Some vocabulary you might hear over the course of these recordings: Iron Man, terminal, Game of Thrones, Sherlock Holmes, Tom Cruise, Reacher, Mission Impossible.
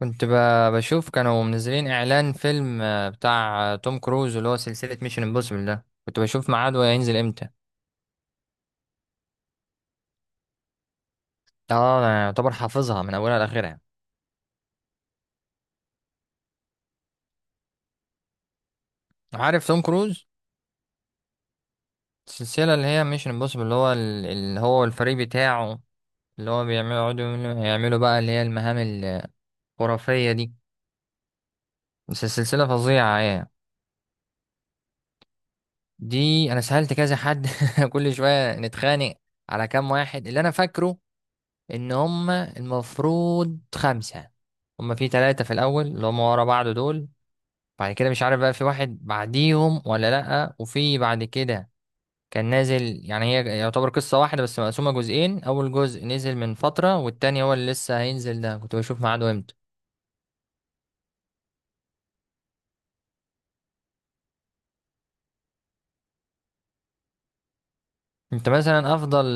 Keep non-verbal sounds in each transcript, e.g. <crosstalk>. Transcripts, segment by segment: كنت بشوف كانوا منزلين اعلان فيلم بتاع توم كروز، اللي هو سلسلة ميشن امبوسيبل، ده كنت بشوف ميعاده هينزل امتى. اه، انا يعتبر حافظها من اولها لاخرها. عارف توم كروز؟ السلسلة اللي هي ميشن امبوسيبل، اللي هو اللي هو الفريق بتاعه، اللي هو بيعملوا يقعدوا يعملوا بقى اللي هي المهام الخرافية دي. بس السلسلة فظيعة يعني. دي انا سألت كذا حد <laughs> كل شوية نتخانق على كام واحد. اللي انا فاكره ان هم المفروض 5. هم في 3 في الاول اللي هم ورا بعض دول. بعد كده مش عارف بقى في واحد بعديهم ولا لأ، وفي بعد كده كان نازل. يعني هي يعتبر قصة واحدة بس مقسومة جزئين، اول جزء نزل من فترة والتاني هو اللي لسه هينزل، ده كنت بشوف ميعاده امتى. انت مثلا افضل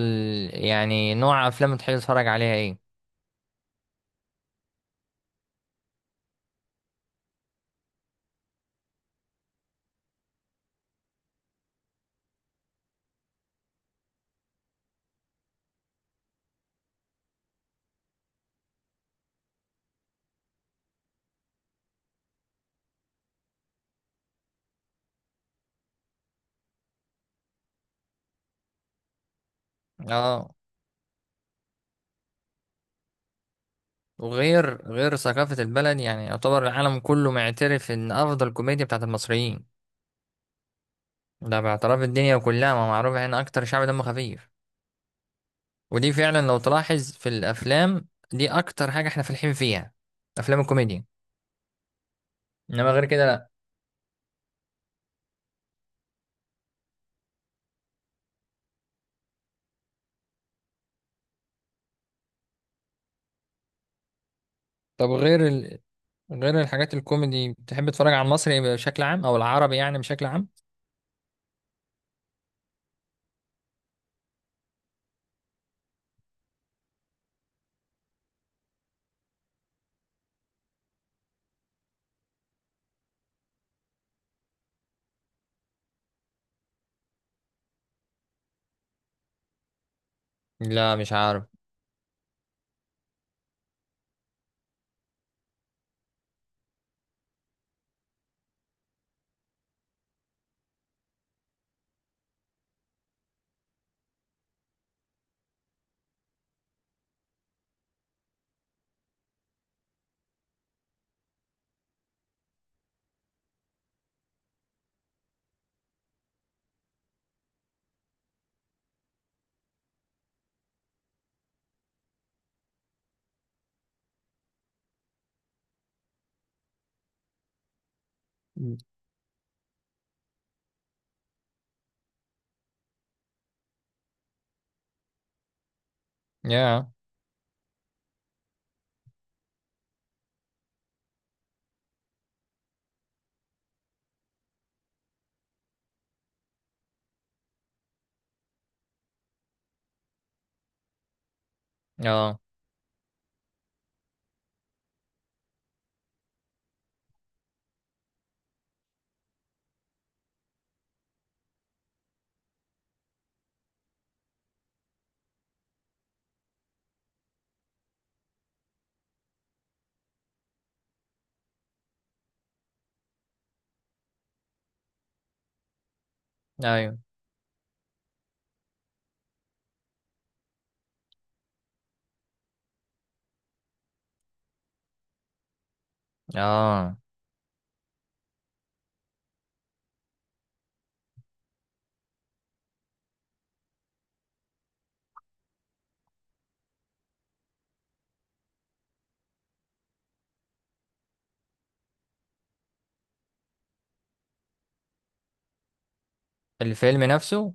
يعني نوع افلام تحب تتفرج عليها ايه؟ اه. وغير غير ثقافة البلد، يعني يعتبر العالم كله معترف ان افضل كوميديا بتاعت المصريين. ده باعتراف الدنيا كلها، ما معروف احنا اكتر شعب دم خفيف. ودي فعلا لو تلاحظ في الافلام دي اكتر حاجه احنا فالحين فيها. افلام الكوميديا. انما غير كده لا. طب غير الحاجات الكوميدي، بتحب تتفرج على المصري بشكل عام، او العربي يعني بشكل عام؟ لا مش عارف. يا. اه. ايوه. اه. الفيلم نفسه.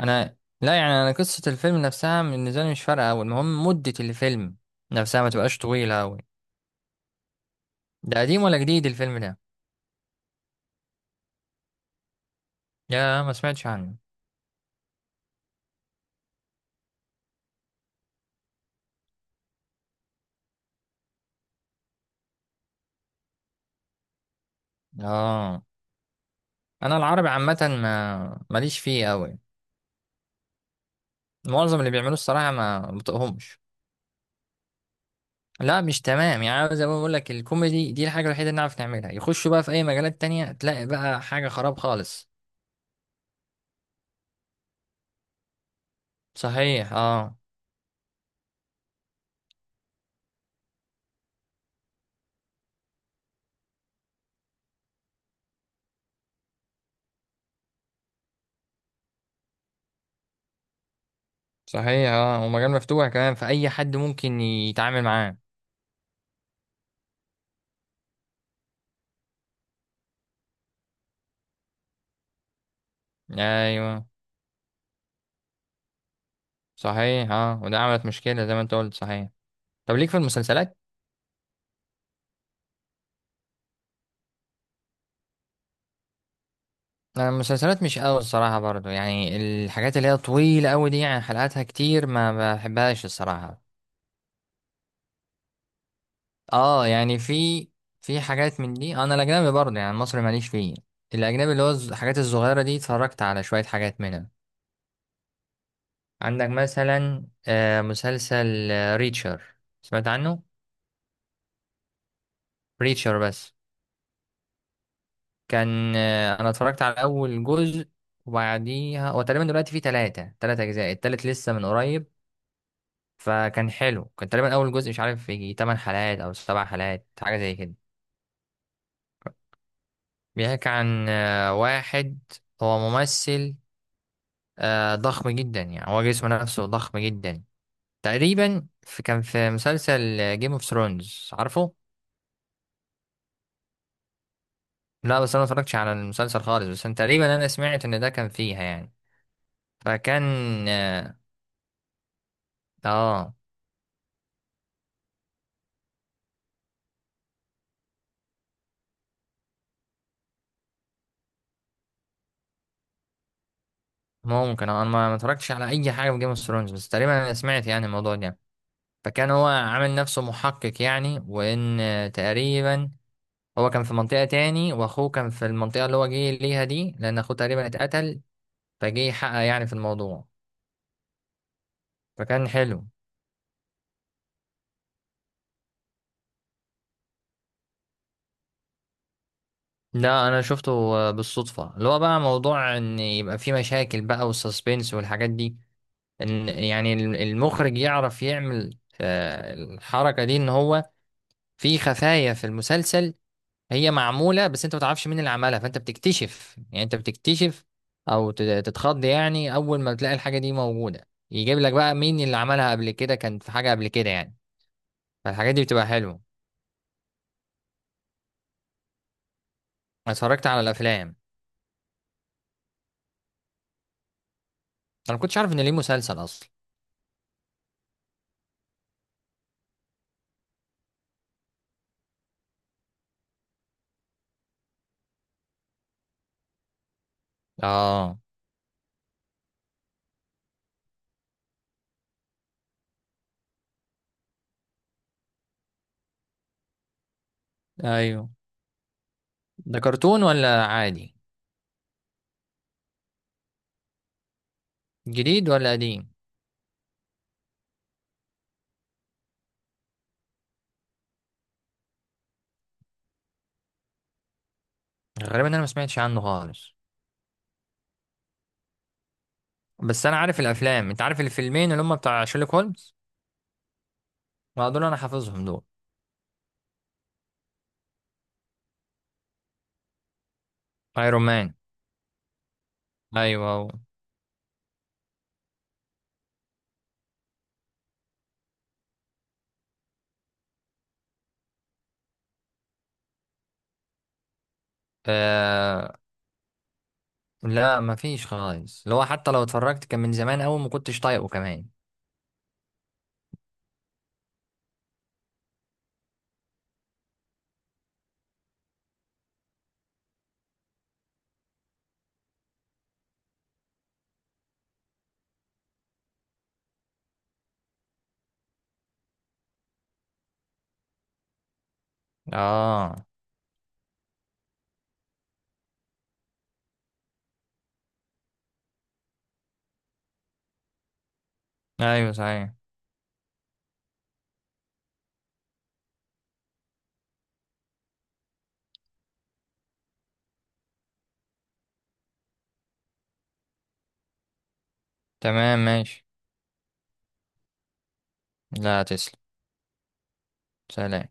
انا لا، يعني انا قصه الفيلم نفسها بالنسبه لي مش فارقه قوي، المهم مده الفيلم نفسها ما تبقاش طويله قوي. ده قديم ولا جديد الفيلم ده؟ يا ما سمعتش عنه. اه. انا العربي عامه ما ماليش فيه قوي. معظم اللي بيعملوه الصراحه ما بطقهمش. لا مش تمام يعني، أنا زي ما بقول لك الكوميدي دي الحاجه الوحيده اللي نعرف نعملها، يخشوا بقى في اي مجالات تانية تلاقي بقى حاجه خراب خالص. صحيح اه. صحيح اه، ومجال مفتوح كمان، فاي حد ممكن يتعامل معاه. ايوه. صحيح اه، وده عملت مشكله زي ما انت قلت صحيح. طب ليك في المسلسلات؟ انا المسلسلات مش قوي الصراحه برضو، يعني الحاجات اللي هي طويله قوي دي يعني حلقاتها كتير ما بحبهاش الصراحه. اه يعني في حاجات من دي، انا الاجنبي برضه يعني مصري ماليش فيه. الاجنبي اللي هو الحاجات الصغيره دي اتفرجت على شويه حاجات منها. عندك مثلا مسلسل ريتشر، سمعت عنه؟ ريتشر بس. كان انا اتفرجت على اول جزء، وبعديها هو تقريبا دلوقتي فيه تلات اجزاء، التالت لسه من قريب. فكان حلو، كان تقريبا اول جزء مش عارف يجي 8 حلقات او 7 حلقات حاجه زي كده. بيحكي عن واحد. هو ممثل ضخم جدا، يعني هو جسمه نفسه ضخم جدا. تقريبا في كان في مسلسل جيم اوف ثرونز، عارفه؟ لا بس انا ما اتفرجتش على المسلسل خالص، بس أنا تقريبا انا سمعت ان ده كان فيها يعني. فكان اه آه، ممكن. انا ما اتفرجتش على اي حاجه من جيم اوف ثرونز، بس تقريبا انا سمعت يعني الموضوع ده. فكان هو عامل نفسه محقق يعني، وان تقريبا هو كان في منطقه تاني، واخوه كان في المنطقه اللي هو جه ليها دي، لان اخوه تقريبا اتقتل فجه يحقق يعني في الموضوع. فكان حلو. لا انا شفته بالصدفه. اللي هو بقى موضوع ان يبقى في مشاكل بقى، والسسبنس والحاجات دي. ان يعني المخرج يعرف يعمل الحركه دي، ان هو في خفايا في المسلسل هي معموله بس انت ما تعرفش مين اللي عملها، فانت بتكتشف يعني انت بتكتشف او تتخض يعني اول ما بتلاقي الحاجه دي موجوده، يجيب لك بقى مين اللي عملها قبل كده، كان في حاجه قبل كده يعني. فالحاجات دي بتبقى حلوه. أنا اتفرجت على الافلام. انا ما كنتش عارف ان ليه مسلسل اصلا. اه. ايوه. ده كرتون ولا عادي؟ جديد ولا قديم؟ غالبا انا ما سمعتش عنه خالص. بس انا عارف الافلام، انت عارف الفيلمين اللي هم بتاع شيرلوك هولمز؟ ما دول انا حافظهم دول. ايرون مان. ايوه آه... لا ما فيش خالص، اللي هو حتى لو اتفرجت كان من زمان قوي ما كنتش طايقه كمان. اه. ايوه صحيح. تمام ماشي. لا تسلم. سلام.